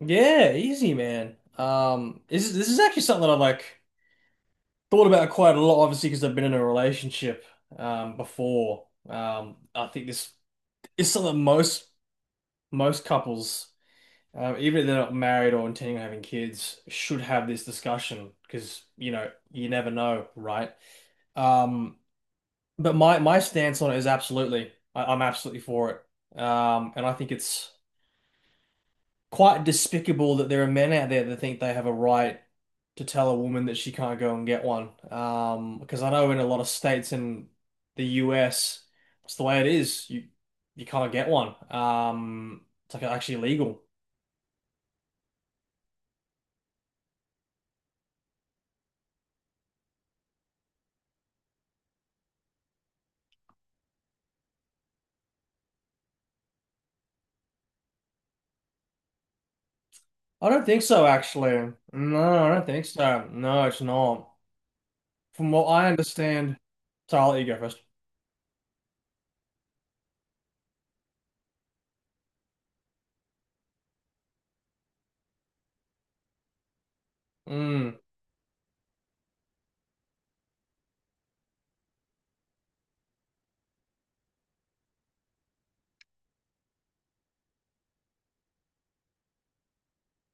Yeah, easy, man. This is actually something that I've like thought about quite a lot, obviously, because I've been in a relationship before. I think this is something that most couples, even if they're not married or intending on having kids, should have this discussion because you never know, right? Um, but my stance on it is absolutely, I'm absolutely for it. And I think it's quite despicable that there are men out there that think they have a right to tell a woman that she can't go and get one. Because I know in a lot of states in the US, it's the way it is. You can't get one. It's like actually illegal. I don't think so, actually. No, I don't think so. No, it's not. From what I understand, so I'll let you go first. Mm,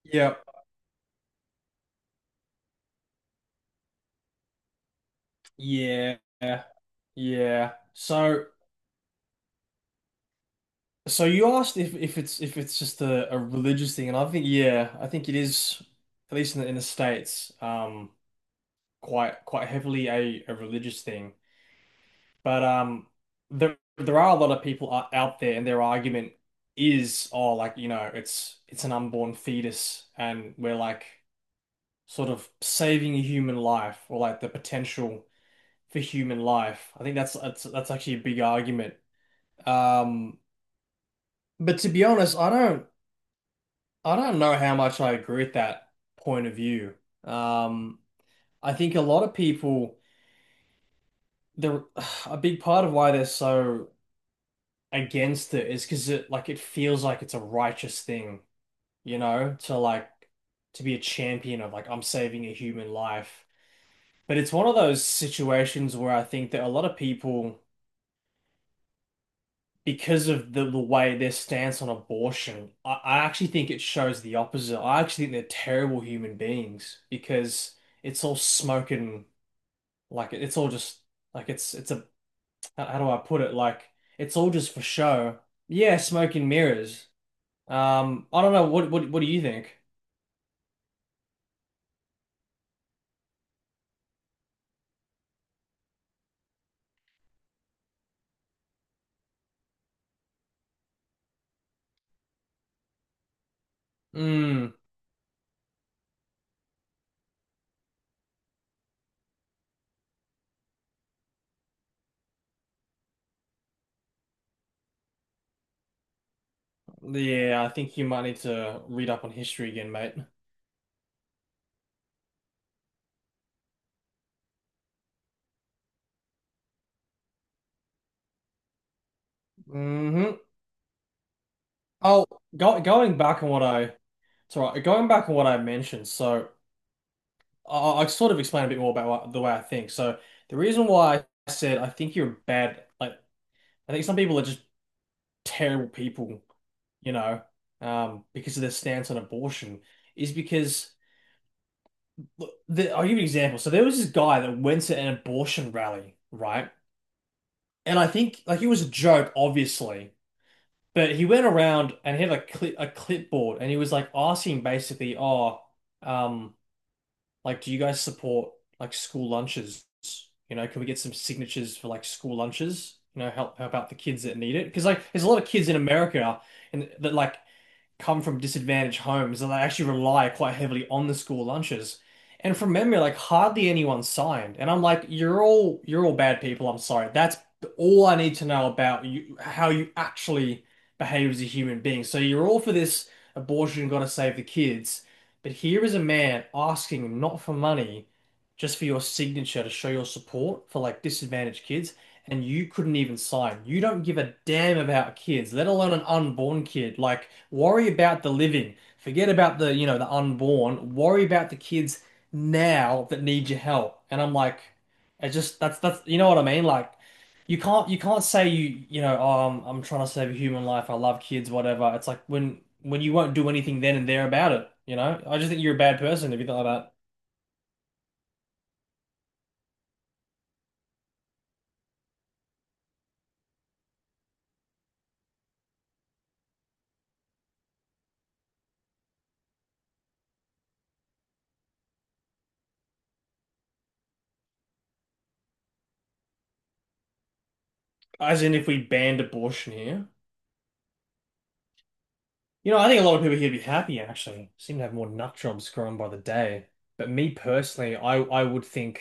yep. Yeah. Yeah. So. So you asked if, if it's just a religious thing, and I think yeah, I think it is at least in in the States, quite heavily a religious thing. But there are a lot of people out there, and their argument is, oh, like, it's an unborn fetus, and we're like sort of saving a human life, or like the potential for human life. I think that's actually a big argument. Um, but to be honest, I don't. I don't know how much I agree with that point of view. Um, I think a lot of people, the a big part of why they're so against it is because it like it feels like it's a righteous thing, to like to be a champion of like I'm saving a human life. But it's one of those situations where I think that a lot of people. Because of the way their stance on abortion, I actually think it shows the opposite. I actually think they're terrible human beings because it's all smoke and like it's all just like it's a how do I put it? Like it's all just for show. Yeah, smoke and mirrors. I don't know. What do you think? Mm, yeah, I think you might need to read up on history again, mate. Hmm. Oh, going back on what I, it's all right. Going back on what I mentioned, so. I'll sort of explain a bit more about what, the way I think. So the reason why I said I think you're bad, like I think some people are just terrible people, you know, because of their stance on abortion, is because look, I'll give you an example. So there was this guy that went to an abortion rally, right? And I think like it was a joke, obviously, but he went around and he had a clip a clipboard and he was like asking basically, oh, um. Like, do you guys support like school lunches? You know, can we get some signatures for like school lunches? You know, help out the kids that need it because like there's a lot of kids in America and that like come from disadvantaged homes and they actually rely quite heavily on the school lunches. And from memory, like hardly anyone signed. And I'm like, you're all bad people. I'm sorry. That's all I need to know about you, how you actually behave as a human being. So you're all for this abortion, gotta save the kids. But here is a man asking not for money, just for your signature to show your support for like disadvantaged kids and you couldn't even sign. You don't give a damn about kids, let alone an unborn kid. Like, worry about the living. Forget about the, the unborn. Worry about the kids now that need your help. And I'm like, it just that's what I mean? Like, you can't say you you know, oh, I'm trying to save a human life. I love kids, whatever. It's like when you won't do anything then and there about it. You know, I just think you're a bad person if you thought about As in, if we banned abortion here. You know, I think a lot of people here would be happy actually. Seem to have more nut jobs growing by the day. But me personally,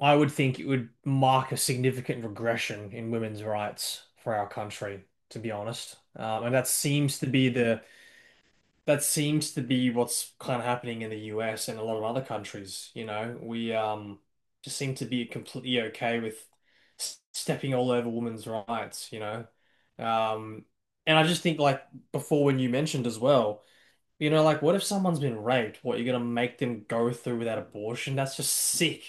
I would think it would mark a significant regression in women's rights for our country, to be honest. And that seems to be the that seems to be what's kind of happening in the US and a lot of other countries. We just seem to be completely okay with stepping all over women's rights. Um, and I just think like before when you mentioned as well. You know, like what if someone's been raped? What, you're gonna make them go through that abortion? That's just sick.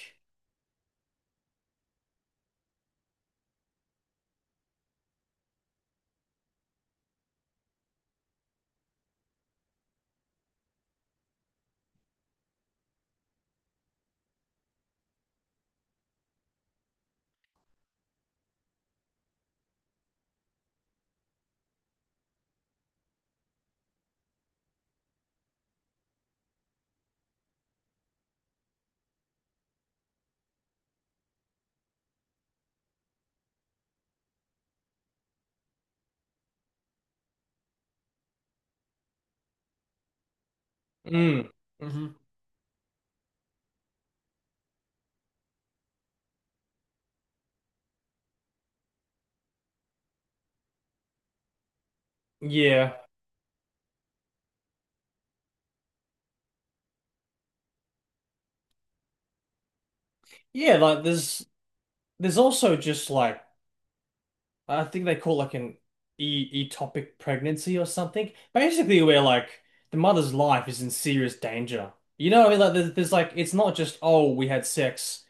Mm. Hmm. Yeah. Yeah, like there's also just like I think they call it like an e ectopic pregnancy or something. Basically where like the mother's life is in serious danger. You know, what I mean? Like there's like it's not just oh we had sex,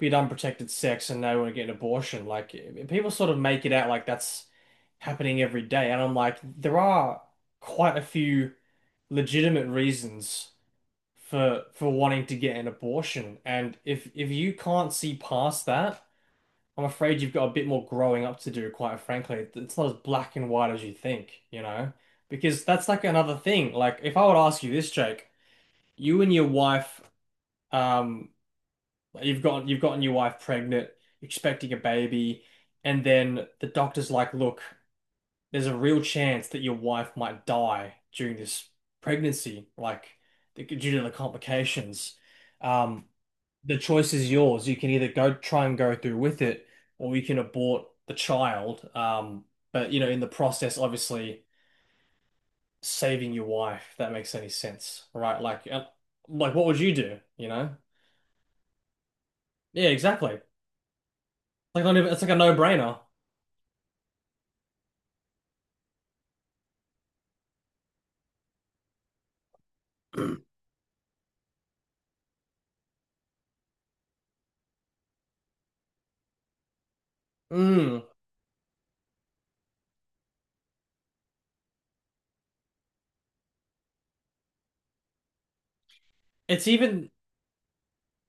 we had unprotected sex and now we're getting an abortion. Like people sort of make it out like that's happening every day. And I'm like, there are quite a few legitimate reasons for wanting to get an abortion. And if you can't see past that, I'm afraid you've got a bit more growing up to do, quite frankly. It's not as black and white as you think, you know? Because that's like another thing. Like if I would ask you this, Jake, you and your wife, um, you've gotten your wife pregnant, expecting a baby, and then the doctor's like, look there's a real chance that your wife might die during this pregnancy, like due to the complications. Um, the choice is yours. You can either go try and go through with it, or you can abort the child. But you know, in the process, obviously saving your wife, if that makes any sense, right? Like what would you do? You know? Yeah, exactly. Like not even, it's like a no-brainer. Mm. It's even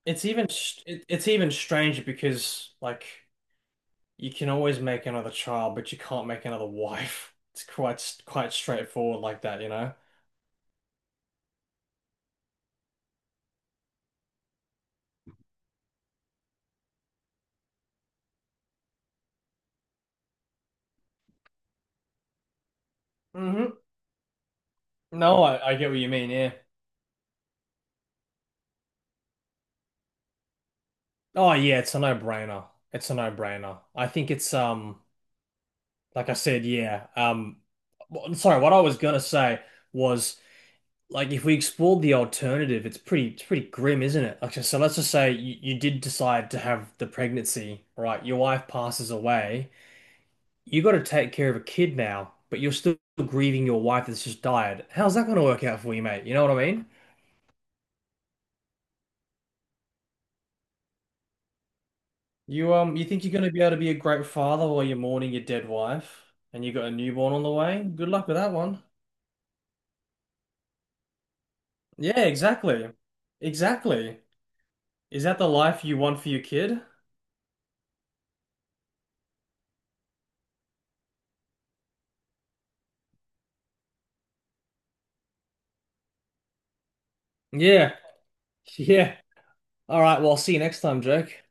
it's even strange because like. You can always make another child, but you can't make another wife. It's quite straightforward like that, you know? Hmm. No, I get what you mean, yeah. Oh yeah, it's a no-brainer. It's a no-brainer. I think it's like I said, yeah. Sorry, what I was gonna say was like if we explored the alternative, it's pretty grim, isn't it? Like so let's just say you did decide to have the pregnancy, right? Your wife passes away. You got to take care of a kid now, but you're still grieving your wife that's just died. How's that going to work out for you, mate? You know what I mean? You think you're gonna be able to be a great father while you're mourning your dead wife, and you got a newborn on the way? Good luck with that one. Yeah, exactly, exactly. Is that the life you want for your kid? Yeah. Yeah. All right. Well, I'll see you next time, Jake.